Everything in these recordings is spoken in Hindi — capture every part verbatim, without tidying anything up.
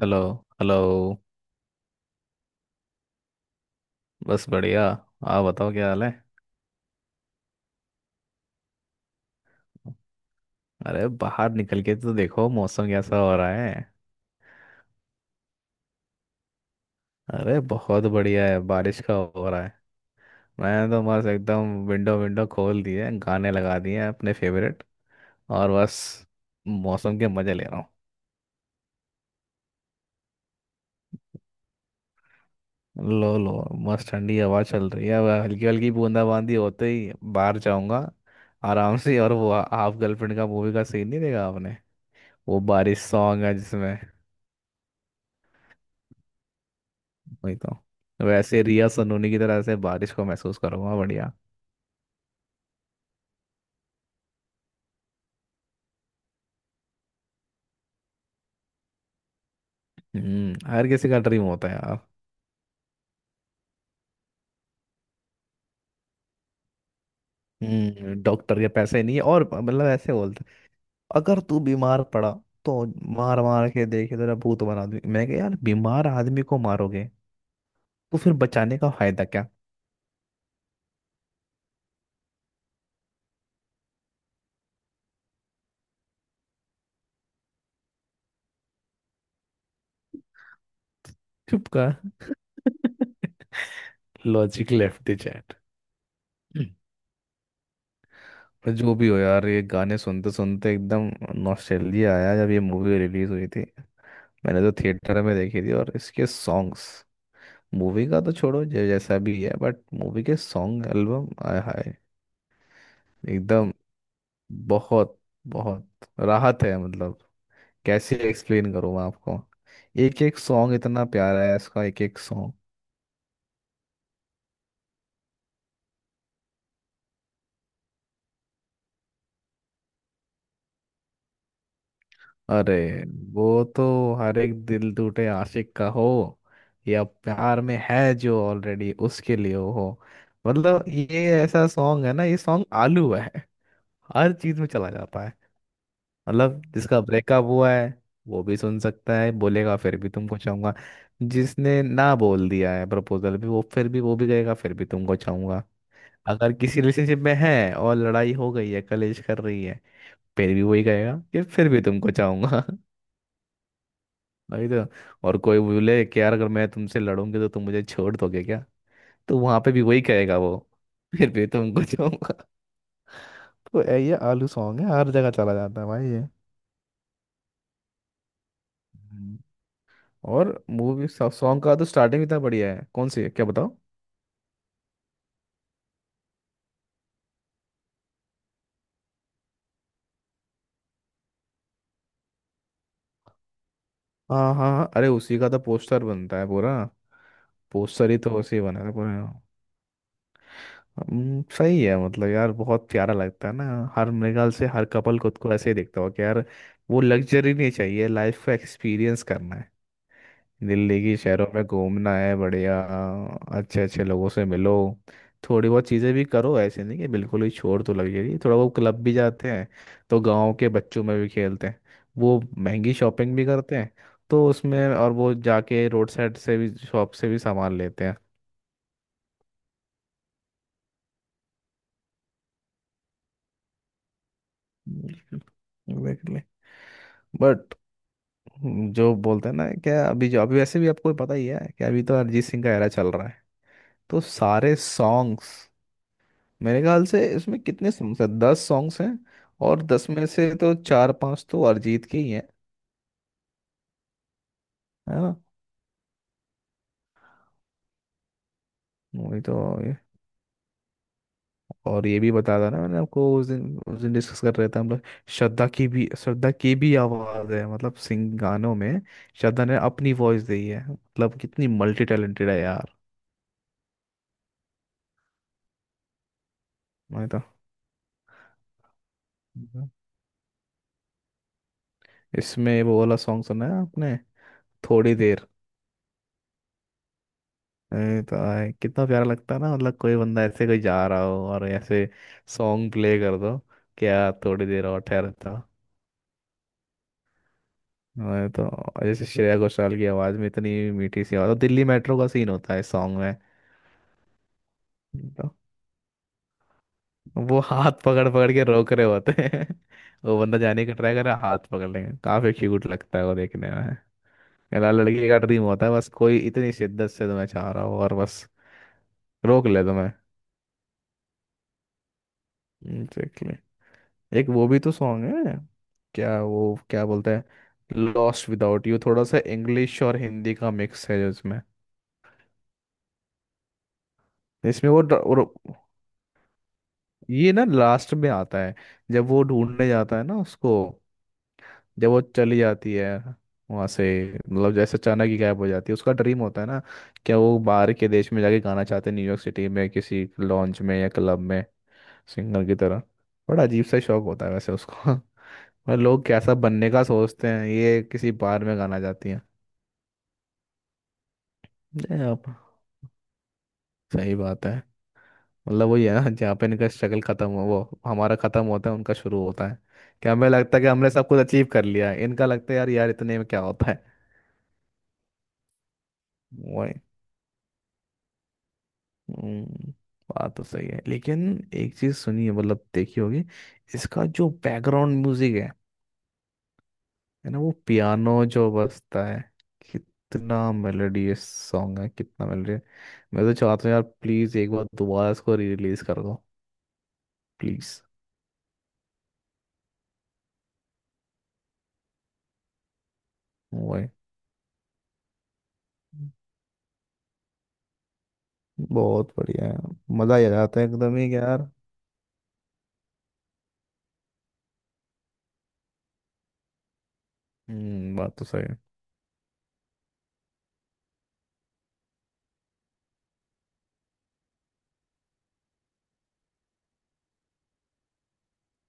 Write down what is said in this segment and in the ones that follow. हेलो। हेलो। बस बढ़िया। आप बताओ, क्या हाल है? अरे बाहर निकल के तो देखो, मौसम कैसा हो रहा है। अरे बहुत बढ़िया है, बारिश का हो रहा है। मैं तो बस एकदम विंडो विंडो खोल दिए, गाने लगा दिए हैं अपने फेवरेट। और बस मौसम के मजे ले रहा हूँ। लो लो, मस्त ठंडी हवा चल रही है, वह हल्की हल्की बूंदाबांदी होते ही बाहर जाऊंगा आराम से। और वो हाफ गर्लफ्रेंड का मूवी का सीन नहीं देखा आपने? वो बारिश सॉन्ग है जिसमें। वही तो। वैसे रिया सनोनी की तरह से बारिश को महसूस करूंगा, बढ़िया। हम्म हर किसी का ड्रीम होता है यार। हम्म डॉक्टर के पैसे नहीं है। और मतलब ऐसे बोलते हैं, अगर तू बीमार पड़ा तो मार मार के देखे, तेरा भूत बना दूं मैं। कह, यार बीमार आदमी को मारोगे तो फिर बचाने का फायदा क्या? चुप का लॉजिक लेफ्ट द चैट। पर जो भी हो यार, ये गाने सुनते सुनते एकदम नॉस्टैल्जिया आया जब ये मूवी रिलीज हुई थी। मैंने तो थिएटर में देखी थी, और इसके सॉन्ग्स, मूवी का तो छोड़ो जो जैसा भी है, बट मूवी के सॉन्ग एल्बम, आय हाय। एकदम बहुत बहुत राहत है, मतलब कैसे एक्सप्लेन करूँ मैं आपको। एक एक सॉन्ग इतना प्यारा है इसका, एक एक सॉन्ग। अरे, वो तो हर एक दिल टूटे आशिक का हो या प्यार में है जो ऑलरेडी उसके लिए हो। मतलब ये ऐसा सॉन्ग है ना, ये सॉन्ग आलू है, हर चीज में चला जाता है। मतलब जिसका ब्रेकअप हुआ है वो भी सुन सकता है, बोलेगा फिर भी तुमको चाहूंगा। जिसने ना बोल दिया है प्रपोजल भी वो, फिर भी वो भी कहेगा फिर भी तुमको चाहूंगा। अगर किसी रिलेशनशिप में है और लड़ाई हो गई है, कलेश कर रही है, फिर भी वही कहेगा कि फिर भी तुमको चाहूंगा। वही तो। और कोई बोले कि यार, अगर मैं तुमसे लड़ूंगी तो तुम मुझे छोड़ दोगे क्या, तो वहां पे भी वही कहेगा वो, फिर भी तुमको चाहूंगा। तो ये आलू सॉन्ग है, हर जगह चला जाता है भाई। ये और मूवी सॉन्ग का तो स्टार्टिंग इतना बढ़िया है, कौन सी है, क्या बताओ। हाँ हाँ हाँ, अरे उसी का तो पोस्टर बनता है पूरा। पोस्टर ही तो उसी बना है पूरा। हम्म, सही है, मतलब यार बहुत प्यारा लगता है ना। हर मेरे ख्याल से हर कपल खुद को ऐसे ही देखता हो कि यार, वो लग्जरी नहीं चाहिए, लाइफ को एक्सपीरियंस करना है। दिल्ली की शहरों में घूमना है, बढ़िया। अच्छे अच्छे लोगों से मिलो। थोड़ी बहुत चीज़ें भी करो, ऐसे नहीं कि बिल्कुल ही छोड़, तो लगी रही थोड़ा बहुत, क्लब भी जाते हैं, तो गांव के बच्चों में भी खेलते हैं, वो महंगी शॉपिंग भी करते हैं, तो उसमें, और वो जाके रोड साइड से भी, शॉप से भी सामान लेते हैं। एग्जैक्टली। बट जो बोलते हैं ना, क्या अभी जो अभी वैसे भी आपको पता ही है कि अभी तो अरिजीत सिंह का एरा चल रहा है। तो सारे सॉन्ग्स, मेरे ख्याल से इसमें कितने सॉन्ग्स हैं, दस सॉन्ग्स हैं। और दस में से तो चार पांच तो अरिजीत के ही हैं। है ना। वही तो। ये- और ये भी बता था ना मैंने आपको, उस दिन उस दिन डिस्कस कर रहे थे हम लोग। श्रद्धा की भी श्रद्धा की भी आवाज है, मतलब सिंग गानों में। श्रद्धा ने अपनी वॉइस दी है, मतलब कितनी मल्टी टैलेंटेड है यार। मैं तो। हम्म। इसमें वो वाला सॉन्ग सुना है आपने? थोड़ी देर। अरे तो आए, कितना प्यारा लगता है ना, मतलब कोई बंदा ऐसे कोई जा रहा हो और ऐसे सॉन्ग प्ले कर दो, क्या थोड़ी देर और ठहरता। अरे, तो जैसे श्रेया घोषाल की आवाज में इतनी मीठी सी आवाज, और दिल्ली मेट्रो का सीन होता है सॉन्ग में। तो वो हाथ पकड़ पकड़ के रोक रहे होते हैं। वो बंदा जाने का ट्राई कर रहा है, हाथ पकड़ लेंगे, काफी क्यूट लगता है वो देखने में। कहला लड़की का ड्रीम होता है, बस कोई इतनी शिद्दत से तुम्हें चाह रहा हो और बस रोक ले तुम्हें। एग्जैक्टली। एक वो भी तो सॉन्ग है, क्या वो क्या बोलते हैं, लॉस्ट विदाउट यू। थोड़ा सा इंग्लिश और हिंदी का मिक्स है इसमें। इसमें वो ड- और ये ना लास्ट में आता है, जब वो ढूंढने जाता है ना उसको, जब वो चली जाती है वहां से। मतलब जैसे अचानक ही गायब हो जाती है, उसका ड्रीम होता है ना क्या, वो बाहर के देश में जाके गाना चाहते हैं, न्यूयॉर्क सिटी में किसी लॉन्च में या क्लब में सिंगर की तरह। बड़ा अजीब सा शौक होता है वैसे उसको। पर लोग कैसा बनने का सोचते हैं, ये किसी बार में गाना जाती है। ये आप सही बात है। मतलब वही है ना, जहाँ पे इनका स्ट्रगल खत्म हो, वो हमारा खत्म होता है, उनका शुरू होता है। कि हमें लगता है कि हमने सब कुछ अचीव कर लिया है, इनका लगता है, यार यार इतने में क्या होता है। वही। हम्म, बात तो सही है, लेकिन एक चीज सुनिए, मतलब देखी होगी। इसका जो बैकग्राउंड म्यूजिक है है ना, वो पियानो जो बजता है, कितना मेलोडियस सॉन्ग है, कितना मेलोडी। मैं तो चाहता हूँ यार, प्लीज एक बार दोबारा इसको री रिलीज कर दो, प्लीज। वही बहुत बढ़िया है। मजा ही आ जाता है एकदम ही, कि यार। हम्म बात तो सही है।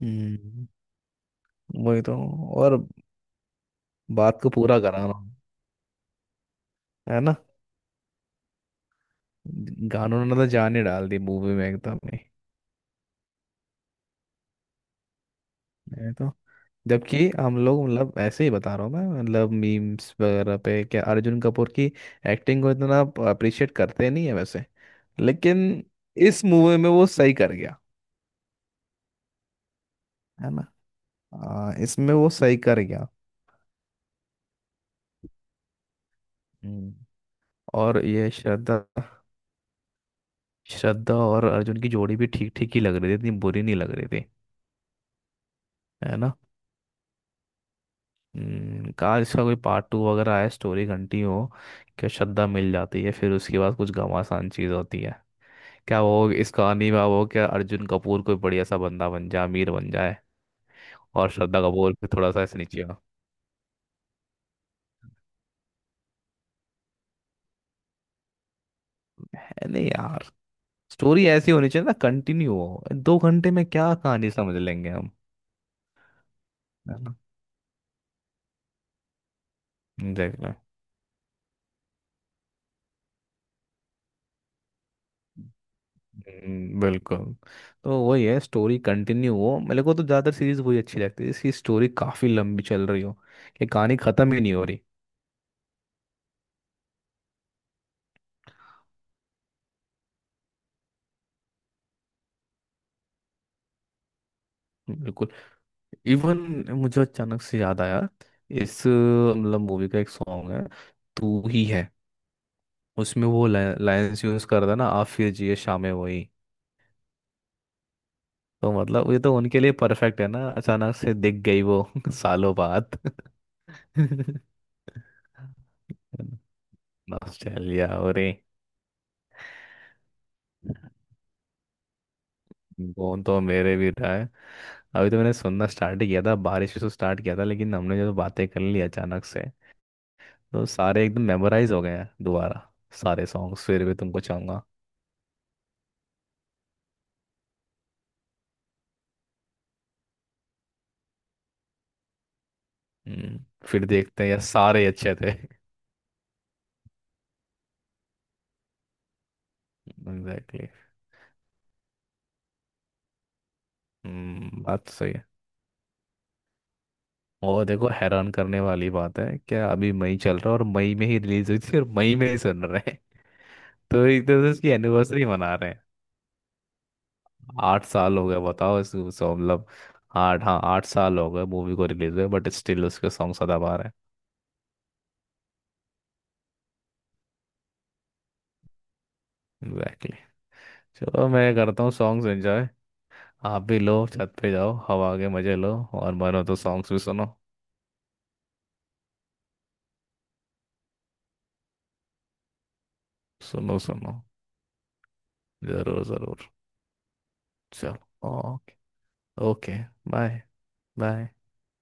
हम्म वही तो। और बात को पूरा कराना, है ना। गानों ने तो जान ही डाल दी मूवी में एकदम ही। है, जबकि हम लोग, मतलब ऐसे ही बता रहा हूँ मैं, मतलब मीम्स वगैरह पे क्या, अर्जुन कपूर की एक्टिंग को इतना अप्रिशिएट करते नहीं है वैसे। लेकिन इस मूवी में वो सही कर गया। है ना। आ, इसमें वो सही कर गया। हम्म। और ये श्रद्धा श्रद्धा और अर्जुन की जोड़ी भी ठीक ठीक ही लग रही थी, इतनी बुरी नहीं लग रही थी। है ना। हम्म, काश इसका कोई पार्ट टू वगैरह आए, स्टोरी घंटी हो कि श्रद्धा मिल जाती है, फिर उसके बाद कुछ घमासान चीज़ होती है, क्या वो इस कहानी में। वो क्या, अर्जुन कपूर कोई बढ़िया सा बंदा बन जाए, अमीर बन जाए, और श्रद्धा कपूर फिर थोड़ा सा ऐसे नीचे हो। है नहीं यार, स्टोरी ऐसी होनी चाहिए ना, कंटिन्यू हो। दो घंटे में क्या कहानी समझ लेंगे हम। है ना। देख लो। हम्म, बिल्कुल। तो वही है, स्टोरी कंटिन्यू हो। मेरे को तो ज़्यादातर सीरीज वही अच्छी लगती है जिसकी स्टोरी काफ़ी लंबी चल रही हो, कि कहानी ख़त्म ही नहीं हो रही। बिल्कुल। इवन, मुझे अचानक से याद आया, इस मतलब मूवी का एक सॉन्ग है, तू ही है। उसमें वो लाइंस यूज कर था ना, आप फिर जिए शामें वही। तो मतलब ये तो उनके लिए परफेक्ट है ना, अचानक से दिख गई वो सालों बाद। नॉस्टैल्जिया हो रही। वो तो मेरे भी था है। अभी तो मैंने सुनना स्टार्ट किया था, बारिश से स्टार्ट किया था, लेकिन हमने जो बातें कर ली अचानक से, तो सारे एकदम मेमोराइज हो गए हैं दोबारा। सारे सॉन्ग्स, फिर भी तुमको चाहूंगा। हम्म, फिर देखते हैं यार, सारे अच्छे थे। एग्जैक्टली, बात तो सही है। और देखो, हैरान करने वाली बात है क्या, अभी मई चल रहा है, और मई में ही रिलीज हुई थी, और मई में ही सुन रहे हैं। तो एक तरह से उसकी एनिवर्सरी मना रहे हैं। आठ साल हो गए बताओ इस, सो मतलब, आठ हाँ, आठ साल हो गए मूवी को रिलीज हुए, बट स्टिल उसके सॉन्ग सदाबहार रहे हैं। एग्जैक्टली। चलो, मैं करता हूँ सॉन्ग्स एंजॉय। आप भी लो, छत पे जाओ, हवा के मजे लो और मनो तो सॉन्ग्स भी सुनो। सुनो सुनो। जरूर जरूर। चलो, ओके। Okay, bye. बाय।